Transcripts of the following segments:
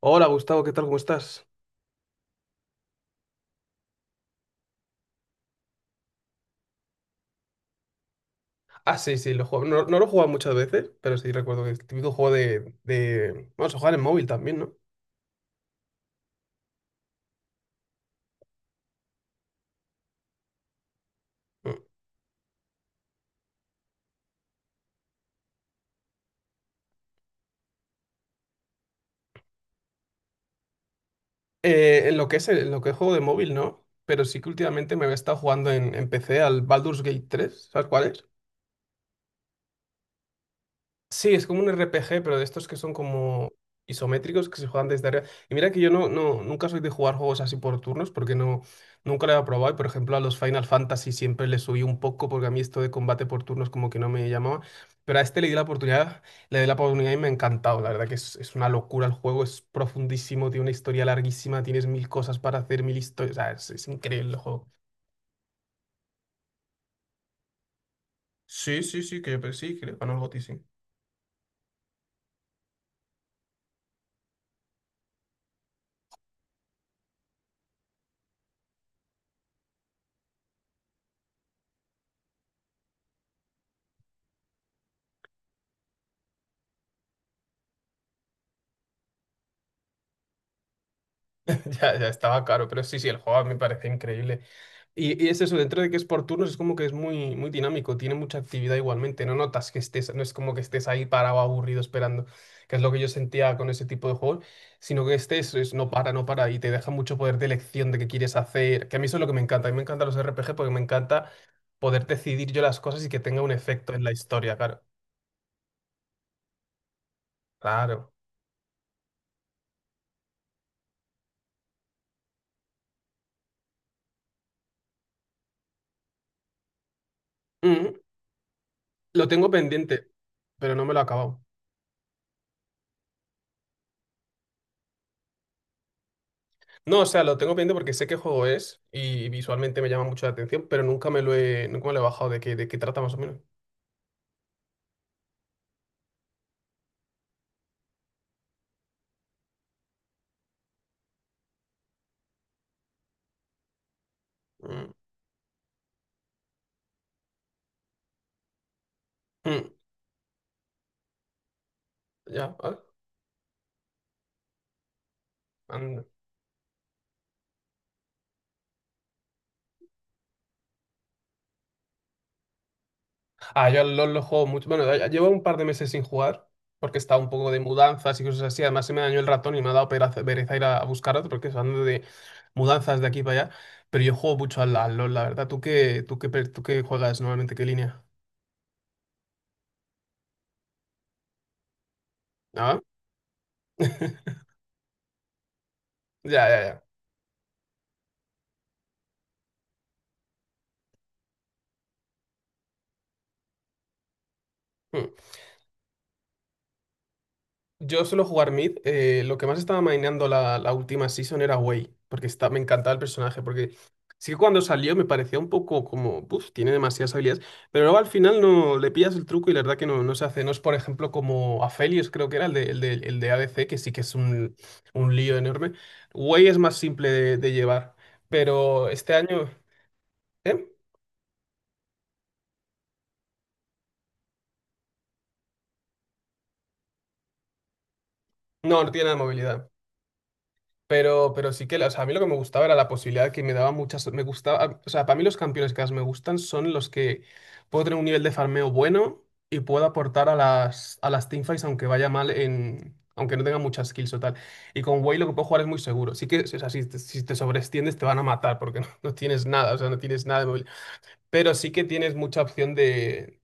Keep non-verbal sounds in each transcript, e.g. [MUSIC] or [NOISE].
Hola Gustavo, ¿qué tal? ¿Cómo estás? Ah, sí, sí, lo juego. No, no lo he jugado muchas veces, pero sí recuerdo que es el típico juego Bueno, se juega en móvil también, ¿no? Mm. En lo que es en lo que es juego de móvil, ¿no? Pero sí que últimamente me había estado jugando en PC al Baldur's Gate tres, ¿sabes cuál es? Sí, es como un RPG, pero de estos que son como isométricos que se juegan desde arriba. Y mira que yo nunca soy de jugar juegos así por turnos porque no, nunca lo he probado. Y por ejemplo, a los Final Fantasy siempre le subí un poco porque a mí esto de combate por turnos como que no me llamaba. Pero a este le di la oportunidad y me ha encantado. La verdad que es una locura el juego, es profundísimo, tiene una historia larguísima, tienes mil cosas para hacer, mil historias. O sea, es increíble el juego. Sí, sí, sí, que yo pero sí, que le ganó el GOTY, sí. [LAUGHS] Ya, ya estaba caro, pero sí, sí, el juego a mí me parece increíble. Y es eso, dentro de que es por turnos, es como que es muy, muy dinámico, tiene mucha actividad igualmente, no notas que estés, no es como que estés ahí parado, aburrido, esperando, que es lo que yo sentía con ese tipo de juegos, sino que estés, es, no para, y te deja mucho poder de elección de qué quieres hacer, que a mí eso es lo que me encanta, a mí me encantan los RPG porque me encanta poder decidir yo las cosas y que tenga un efecto en la historia, claro. Claro. Mm, lo tengo pendiente, pero no me lo he acabado. No, o sea, lo tengo pendiente porque sé qué juego es y visualmente me llama mucho la atención, pero nunca me lo he bajado de qué trata más o menos. Mm, mm, ya, ah, anda. Ah, yo al LoL lo juego mucho. Bueno, ya llevo un par de meses sin jugar porque estaba un poco de mudanzas y cosas así. Además, se me dañó el ratón y me ha dado pereza ir a buscar otro porque ando de mudanzas de aquí para allá. Pero yo juego mucho al LoL, la verdad. ¿Tú qué juegas normalmente? ¿Qué línea? Ah, [LAUGHS] Ya, ya, ya. Mm. Yo suelo jugar mid. Lo que más estaba maineando la última season era Wei, porque me encantaba el personaje, porque sí que cuando salió me parecía un poco como, uff, tiene demasiadas habilidades, pero luego al final no le pillas el truco y la verdad que no se hace. No es, por ejemplo, como Aphelios, creo que era el de ADC, que sí que es un lío enorme. Wei es más simple de llevar, pero este año... ¿eh? No, no tiene nada de movilidad. Pero sí que, o sea, a mí lo que me gustaba era la posibilidad que me daba muchas, me gustaba, o sea, para mí los campeones que más me gustan son los que puedo tener un nivel de farmeo bueno y puedo aportar a a las teamfights aunque vaya mal en, aunque no tenga muchas kills o tal. Y con Wei lo que puedo jugar es muy seguro. Sí que, o sea, si te sobreextiendes te van a matar porque [LAUGHS] no, no tienes nada, o sea, no tienes nada de móvil. Pero sí que tienes mucha opción de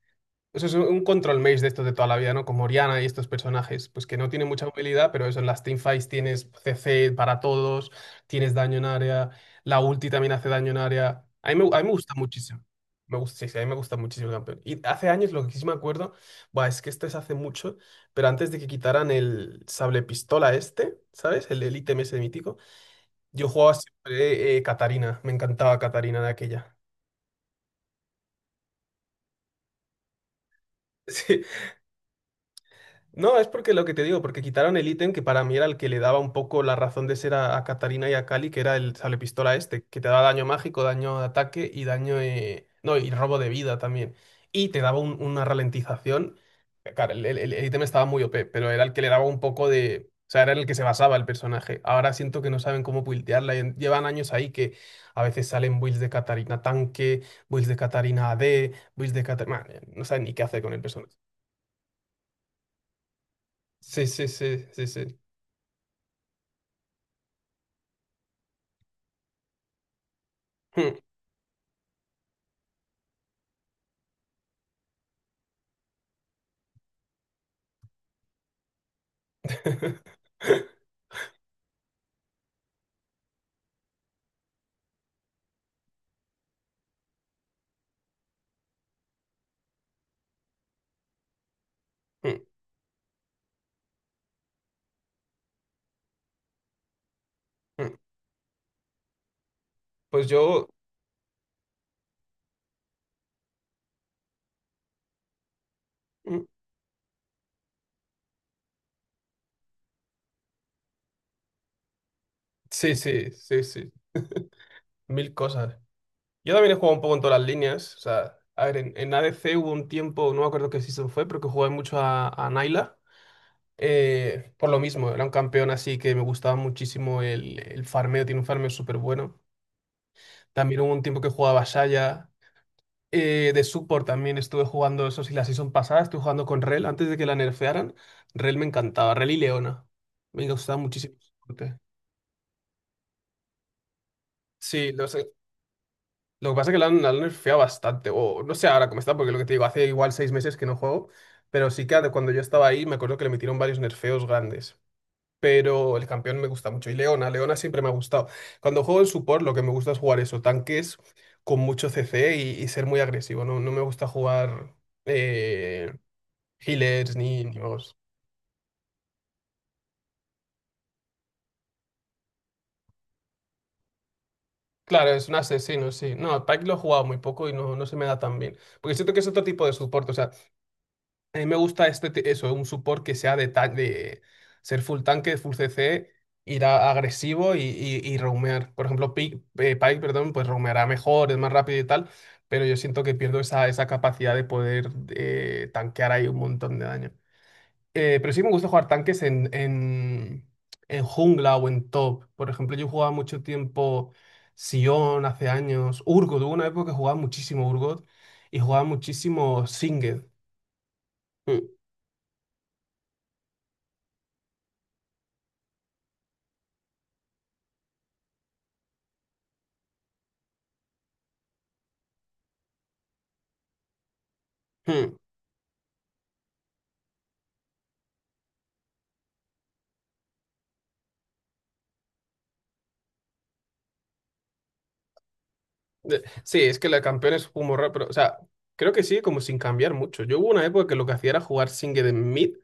eso es un control maze de estos de toda la vida, ¿no? Como Oriana y estos personajes, pues que no tienen mucha movilidad, pero eso en las teamfights tienes CC para todos, tienes daño en área, la ulti también hace daño en área. A mí me gusta muchísimo. Me gusta, sí, sí, a mí me gusta muchísimo el campeón. Y hace años, lo que sí me acuerdo, buah, es que este es hace mucho, pero antes de que quitaran el sable pistola este, ¿sabes? El ítem ese mítico, yo jugaba siempre Katarina, me encantaba Katarina de aquella. [LAUGHS] Sí. No, es porque lo que te digo, porque quitaron el ítem que para mí era el que le daba un poco la razón de ser a Katarina y a Kali, que era el pistola este, que te daba daño mágico, daño de ataque y daño. No, y robo de vida también. Y te daba una ralentización. Claro, el ítem estaba muy OP, pero era el que le daba un poco de. O sea, era en el que se basaba el personaje. Ahora siento que no saben cómo buildearla. Llevan años ahí que a veces salen builds de Katarina tanque, builds de Catarina AD, builds de Catarina... No saben ni qué hacer con el personaje. Sí, sí, sí, sí, sí. [LAUGHS] Mm, mm, mm. Pues yo, mm, sí, sí, sí, sí, [LAUGHS] mil cosas. Yo también he jugado un poco en todas las líneas, o sea, a ver, en ADC hubo un tiempo, no me acuerdo qué season fue, pero que jugué mucho a Naila, por lo mismo, era un campeón así que me gustaba muchísimo el farmeo, tiene un farmeo súper bueno. También hubo un tiempo que jugaba a Shaya, de support también estuve jugando eso, sí, la season pasada estuve jugando con Rel antes de que la nerfearan. Rel me encantaba, Rel y Leona. Me gustaba muchísimo. El soporte. Sí, lo sé. Lo que pasa es que la han nerfeado bastante, o no sé ahora cómo está, porque lo que te digo, hace igual 6 meses que no juego, pero sí que de cuando yo estaba ahí me acuerdo que le metieron varios nerfeos grandes. Pero el campeón me gusta mucho. Y Leona, Leona siempre me ha gustado. Cuando juego en support, lo que me gusta es jugar eso, tanques con mucho CC y ser muy agresivo. No, no me gusta jugar. eh, Healers ni magos. Claro, es un asesino, sí. No, Pike lo he jugado muy poco y no, no se me da tan bien. Porque siento que es otro tipo de soporte. O sea, a mí me gusta eso, un support que sea de ser full tanque, full CC, ir agresivo y roamear. Por ejemplo, Pike, perdón, pues roameará mejor, es más rápido y tal. Pero yo siento que pierdo esa capacidad de poder tanquear ahí un montón de daño. Pero sí me gusta jugar tanques en jungla o en top. Por ejemplo, yo jugaba mucho tiempo Sion hace años, Urgot. Hubo una época que jugaba muchísimo Urgot y jugaba muchísimo Singed. Mm, mm. Sí, es que la campeona es un raro, pero, o sea, creo que sigue como sin cambiar mucho. Yo hubo una época que lo que hacía era jugar Singed en mid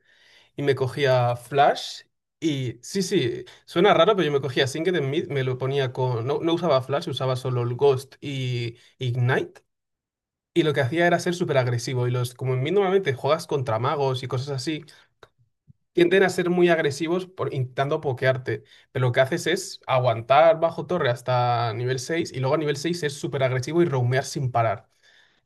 y me cogía Flash. Y sí, sí, suena raro, pero yo me cogía Singed en mid, me lo ponía con. No, no usaba Flash, usaba solo el Ghost y Ignite. Y lo que hacía era ser súper agresivo. Y los, como en mí normalmente juegas contra magos y cosas así, tienden a ser muy agresivos por, intentando pokearte. Pero lo que haces es aguantar bajo torre hasta nivel 6 y luego a nivel 6 ser súper agresivo y roamear sin parar.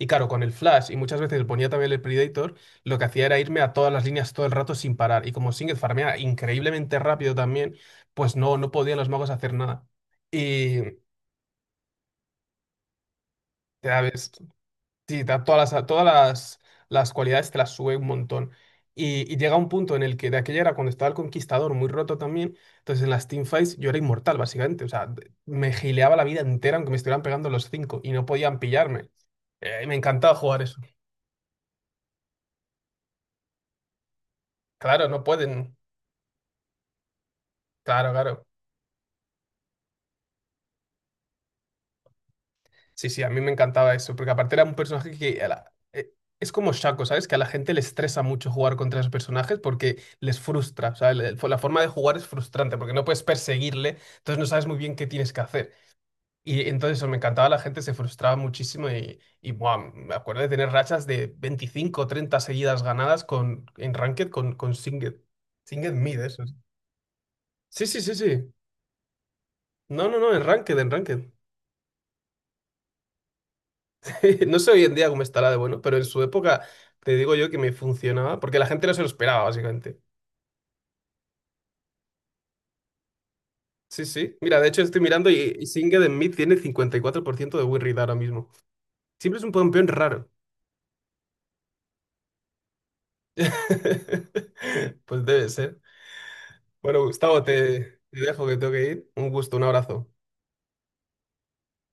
Y claro, con el flash y muchas veces ponía también el Predator, lo que hacía era irme a todas las líneas todo el rato sin parar. Y como Singed farmea increíblemente rápido también, pues no, no podían los magos hacer nada. Y, ¿sabes? Sí, da todas las cualidades te las sube un montón. Y llega un punto en el que de aquella era cuando estaba el conquistador muy roto también, entonces en las teamfights yo era inmortal básicamente, o sea, me gileaba la vida entera aunque me estuvieran pegando los cinco y no podían pillarme. Y me encantaba jugar eso. Claro, no pueden, claro, claro. Sí, sí, a mí me encantaba eso, porque aparte era un personaje que a la- es como Shaco, ¿sabes? Que a la gente le estresa mucho jugar contra esos personajes porque les frustra, o sea, la forma de jugar es frustrante porque no puedes perseguirle, entonces no sabes muy bien qué tienes que hacer. Y entonces eso me encantaba, la gente se frustraba muchísimo y buah, me acuerdo de tener rachas de 25, o 30 seguidas ganadas con, en Ranked con Singed, Singed Mid, eso. Sí, sí, sí, sí. No, no, no, en Ranked, en Ranked. [LAUGHS] No sé hoy en día cómo estará de bueno, pero en su época te digo yo que me funcionaba, porque la gente no se lo esperaba, básicamente. Sí, sí. Mira, de hecho estoy mirando y Singed en mí tiene 54% de win rate ahora mismo. Siempre es un campeón raro. [LAUGHS] Pues debe ser. Bueno, Gustavo, te dejo que tengo que ir. Un gusto, un abrazo.